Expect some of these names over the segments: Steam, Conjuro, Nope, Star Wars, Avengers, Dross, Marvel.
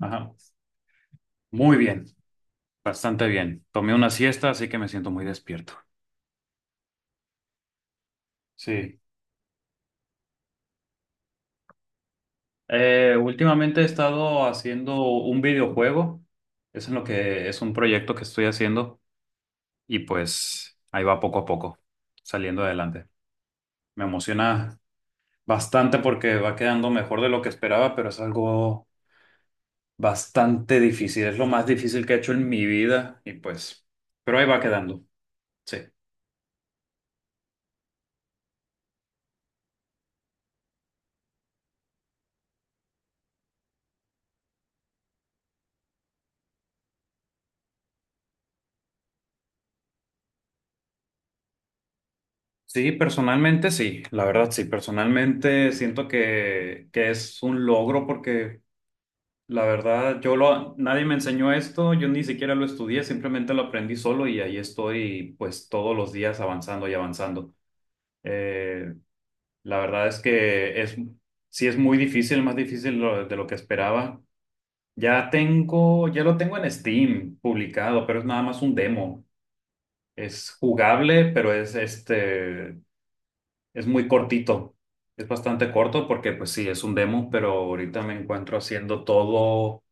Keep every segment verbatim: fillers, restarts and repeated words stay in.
Ajá. Muy bien, bastante bien. Tomé una siesta, así que me siento muy despierto. Sí. Eh, últimamente he estado haciendo un videojuego. Es en lo que es un proyecto que estoy haciendo y pues ahí va poco a poco, saliendo adelante. Me emociona bastante porque va quedando mejor de lo que esperaba, pero es algo bastante difícil. Es lo más difícil que he hecho en mi vida y pues, pero ahí va quedando. Sí. Sí, personalmente sí, la verdad sí, personalmente siento que, que es un logro porque la verdad yo lo, nadie me enseñó esto, yo ni siquiera lo estudié, simplemente lo aprendí solo y ahí estoy pues todos los días avanzando y avanzando. Eh, la verdad es que es, sí es muy difícil, más difícil lo- de lo que esperaba. Ya tengo, ya lo tengo en Steam publicado, pero es nada más un demo. Es jugable, pero es este. Es muy cortito, es bastante corto porque pues sí, es un demo, pero ahorita me encuentro haciendo todo,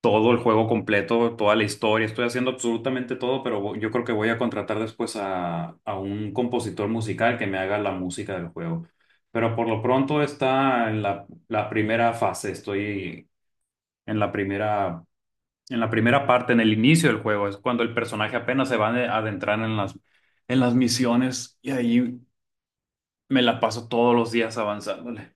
todo el juego completo, toda la historia, estoy haciendo absolutamente todo, pero vo- yo creo que voy a contratar después a, a un compositor musical que me haga la música del juego. Pero por lo pronto está en la, la primera fase, estoy en la primera, en la primera, parte, en el inicio del juego, es cuando el personaje apenas se va a adentrar en las, en las misiones y ahí... Me la paso todos los días avanzándole.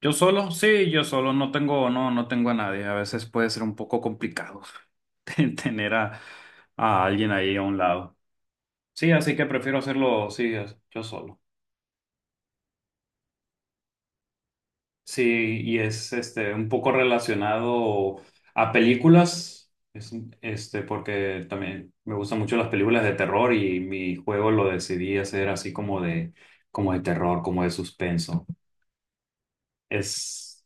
Yo solo, sí, yo solo, no tengo, no, no tengo a nadie. A veces puede ser un poco complicado ten- tener a, a alguien ahí a un lado. Sí, así que prefiero hacerlo, sí, es- yo solo. Sí, y es este un poco relacionado a películas, es, este, porque también me gustan mucho las películas de terror y mi juego lo decidí hacer así como de, como de terror, como de suspenso. Es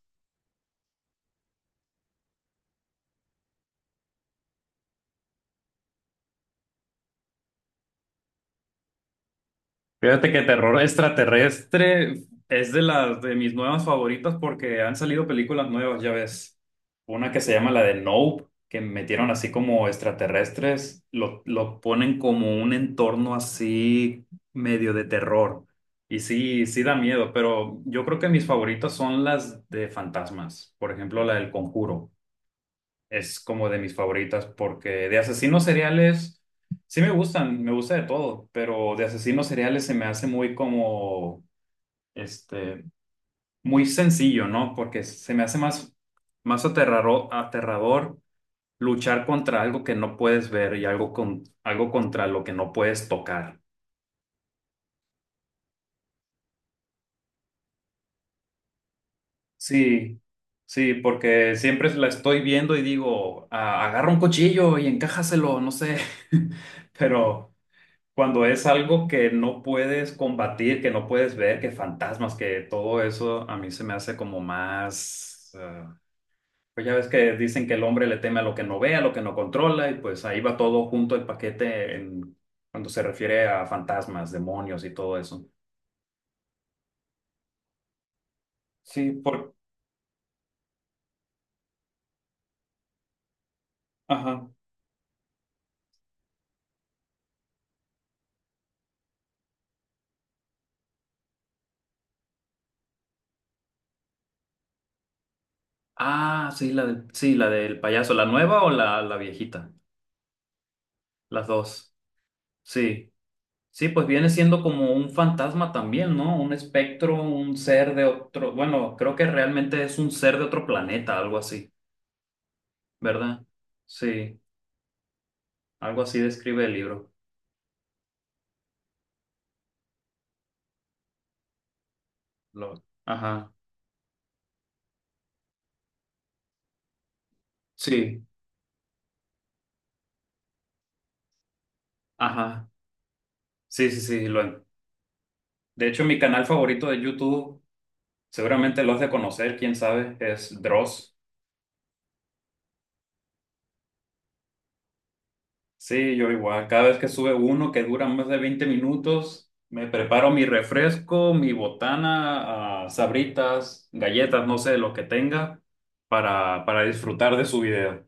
Fíjate que terror extraterrestre es de las de mis nuevas favoritas porque han salido películas nuevas, ya ves. Una que se llama la de Nope, que metieron así como extraterrestres, lo, lo ponen como un entorno así medio de terror. Y sí, sí da miedo, pero yo creo que mis favoritas son las de fantasmas, por ejemplo, la del Conjuro es como de mis favoritas porque de asesinos seriales sí me gustan, me gusta de todo, pero de asesinos seriales se me hace muy como, este, muy sencillo, ¿no? Porque se me hace más, más aterrador, aterrador luchar contra algo que no puedes ver y algo con, algo contra lo que no puedes tocar. Sí, sí, porque siempre la estoy viendo y digo, "Ah, agarra un cuchillo y encájaselo, no sé," pero... Cuando es algo que no puedes combatir, que no puedes ver, que fantasmas, que todo eso a mí se me hace como más... eh, pues ya ves que dicen que el hombre le teme a lo que no ve, a lo que no controla, y pues ahí va todo junto el paquete en, cuando se refiere a fantasmas, demonios y todo eso. Sí, por... Ajá. Ah, sí, la del, sí, la del payaso, ¿la nueva o la, la viejita? Las dos. Sí. Sí, pues viene siendo como un fantasma también, ¿no? Un espectro, un ser de otro, bueno, creo que realmente es un ser de otro planeta, algo así, ¿verdad? Sí, algo así describe el libro. Lo- Ajá, sí, ajá, sí, sí, sí. Lo... De hecho, mi canal favorito de YouTube, seguramente lo has de conocer, quién sabe, es Dross. Sí, yo igual. Cada vez que sube uno que dura más de veinte minutos, me preparo mi refresco, mi botana, ah, sabritas, galletas, no sé, lo que tenga, para, para disfrutar de su video.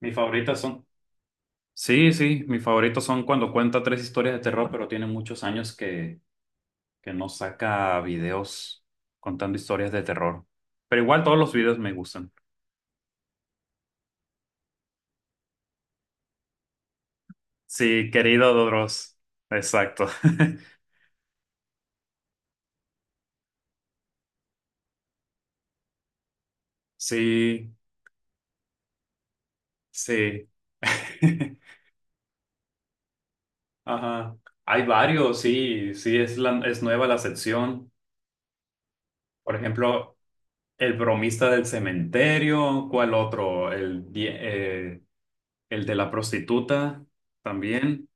Mis favoritas son. Sí, sí, mis favoritos son cuando cuenta tres historias de terror, pero tiene muchos años que, que no saca videos contando historias de terror. Pero igual todos los videos me gustan. Sí, querido Dodros. Exacto. Sí, sí. Ajá. Hay varios, sí, sí, es, la, es nueva la sección. Por ejemplo, el bromista del cementerio, ¿cuál otro? El, die- eh, el de la prostituta también.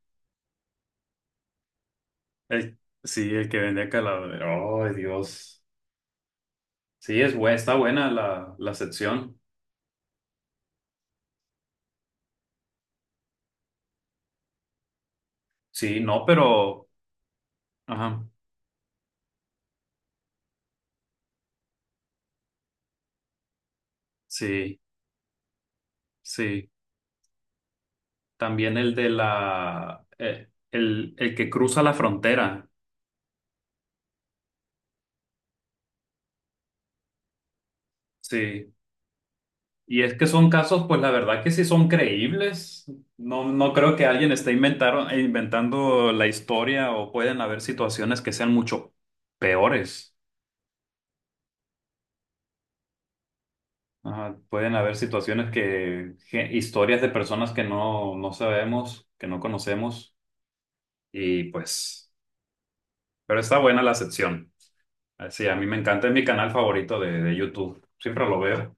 El, sí, el que vende calaveras. Oh, Dios. Sí, es buena, está buena la, la sección. Sí, no, pero... Ajá, sí, sí. También el de la... eh, el, el que cruza la frontera. Sí. Y es que son casos, pues la verdad que sí son creíbles. No, no creo que alguien esté inventaron- inventando la historia o pueden haber situaciones que sean mucho peores. Ajá, pueden haber situaciones que, ge- historias de personas que no, no sabemos, que no conocemos. Y pues, pero está buena la sección. Ah, sí, a mí me encanta, es mi canal favorito de, de YouTube. Siempre lo veo.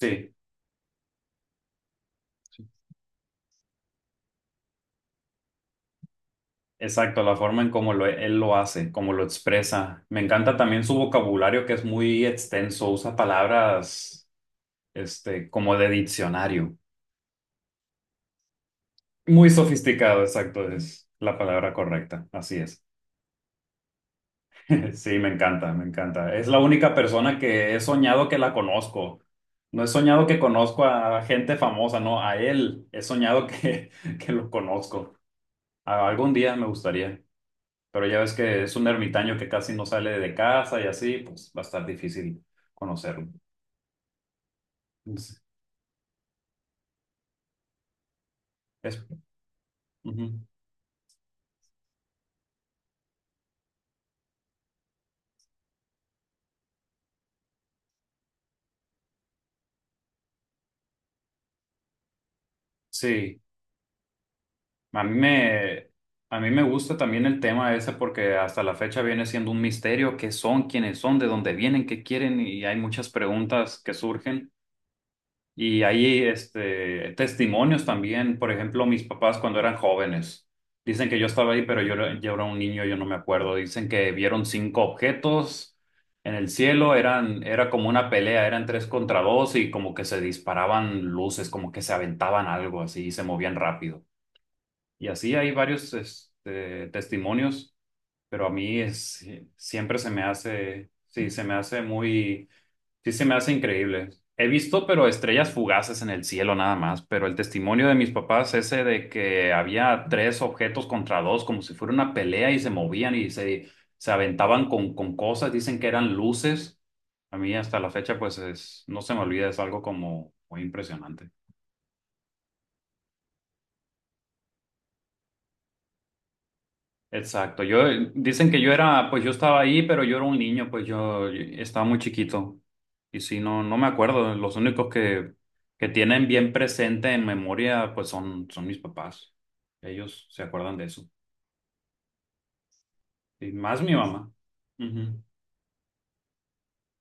Sí. Exacto, la forma en cómo lo, él lo hace, cómo lo expresa. Me encanta también su vocabulario que es muy extenso, usa palabras este, como de diccionario. Muy sofisticado, exacto, es la palabra correcta, así es. Sí, me encanta, me encanta. Es la única persona que he soñado que la conozco. No he soñado que conozco a gente famosa, no, a él he soñado que, que lo conozco. A- Algún día me gustaría. Pero ya ves que es un ermitaño que casi no sale de casa y así, pues va a estar difícil conocerlo. Es, es- Ujú. Sí, a mí me, a mí me gusta también el tema ese porque hasta la fecha viene siendo un misterio qué son, quiénes son, de dónde vienen, qué quieren y hay muchas preguntas que surgen. Y hay este, testimonios también, por ejemplo, mis papás cuando eran jóvenes, dicen que yo estaba ahí, pero yo, era- yo era un niño, yo no me acuerdo, dicen que vieron cinco objetos en el cielo, eran, era como una pelea, eran tres contra dos y como que se disparaban luces, como que se aventaban algo así y se movían rápido. Y así hay varios este, testimonios, pero a mí es, siempre se me hace, sí, se me hace muy... Sí, se me hace increíble. He visto, pero estrellas fugaces en el cielo nada más, pero el testimonio de mis papás, ese de que había tres objetos contra dos, como si fuera una pelea y se movían y se, se aventaban con, con cosas, dicen que eran luces. A mí hasta la fecha, pues es, no se me olvida, es algo como muy impresionante. Exacto. Yo eh, dicen que yo era, pues yo estaba ahí, pero yo era un niño, pues yo estaba muy chiquito. Y sí, no, no me acuerdo. Los únicos que, que tienen bien presente en memoria, pues son, son mis papás. Ellos se acuerdan de eso. Y más mi mamá. Ujú.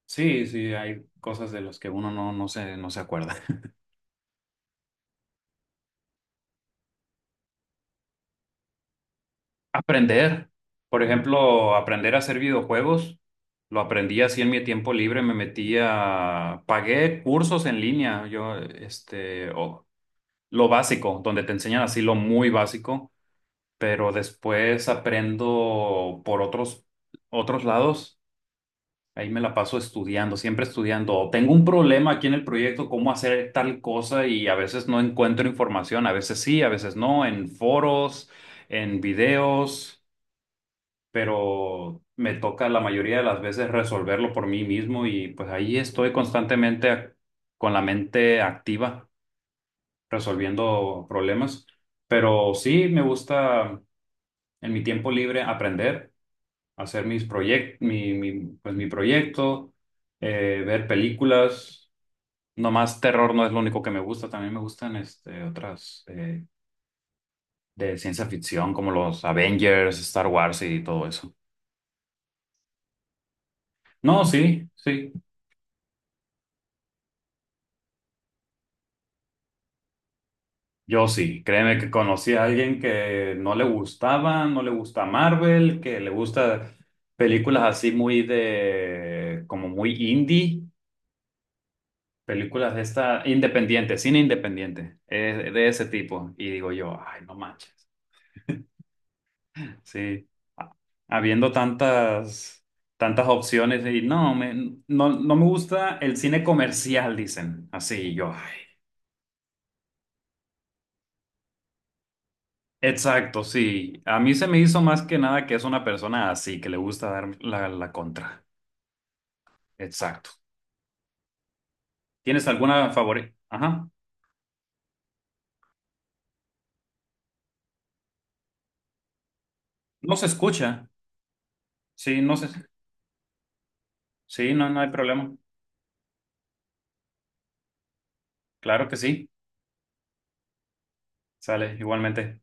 Sí, sí, hay cosas de las que uno no, no se, no se acuerda. Aprender, por ejemplo, aprender a hacer videojuegos, lo aprendí así en mi tiempo libre, me metí a, pagué cursos en línea, yo, este, o- lo básico, donde te enseñan así lo muy básico, pero después aprendo por otros, otros, lados, ahí me la paso estudiando, siempre estudiando, o tengo un problema aquí en el proyecto, cómo hacer tal cosa y a veces no encuentro información, a veces sí, a veces no, en foros, en videos, pero me toca la mayoría de las veces resolverlo por mí mismo y pues ahí estoy constantemente ac- con la mente activa resolviendo problemas. Pero sí me gusta en mi tiempo libre aprender, hacer mis proyectos, mi, mi- pues mi proyecto, eh, ver películas. Nomás terror no es lo único que me gusta, también me gustan este, otras eh, de ciencia ficción como los Avengers, Star Wars y todo eso. No, sí, sí. Yo sí, créeme que conocí a alguien que no le gustaba, no le gusta Marvel, que le gusta películas así muy de, como muy indie, películas de esta, independiente, cine independiente, eh, de ese tipo. Y digo yo, ay, no manches. Sí, ha- habiendo tantas, tantas opciones y no, me, no, no me gusta el cine comercial, dicen. Así y yo. Exacto, sí. A mí se me hizo más que nada que es una persona así, que le gusta dar la, la contra. Exacto. ¿Tienes alguna favorita? Ajá. No se escucha. Sí, no se. Sí, no, no hay problema. Claro que sí. Sale, igualmente.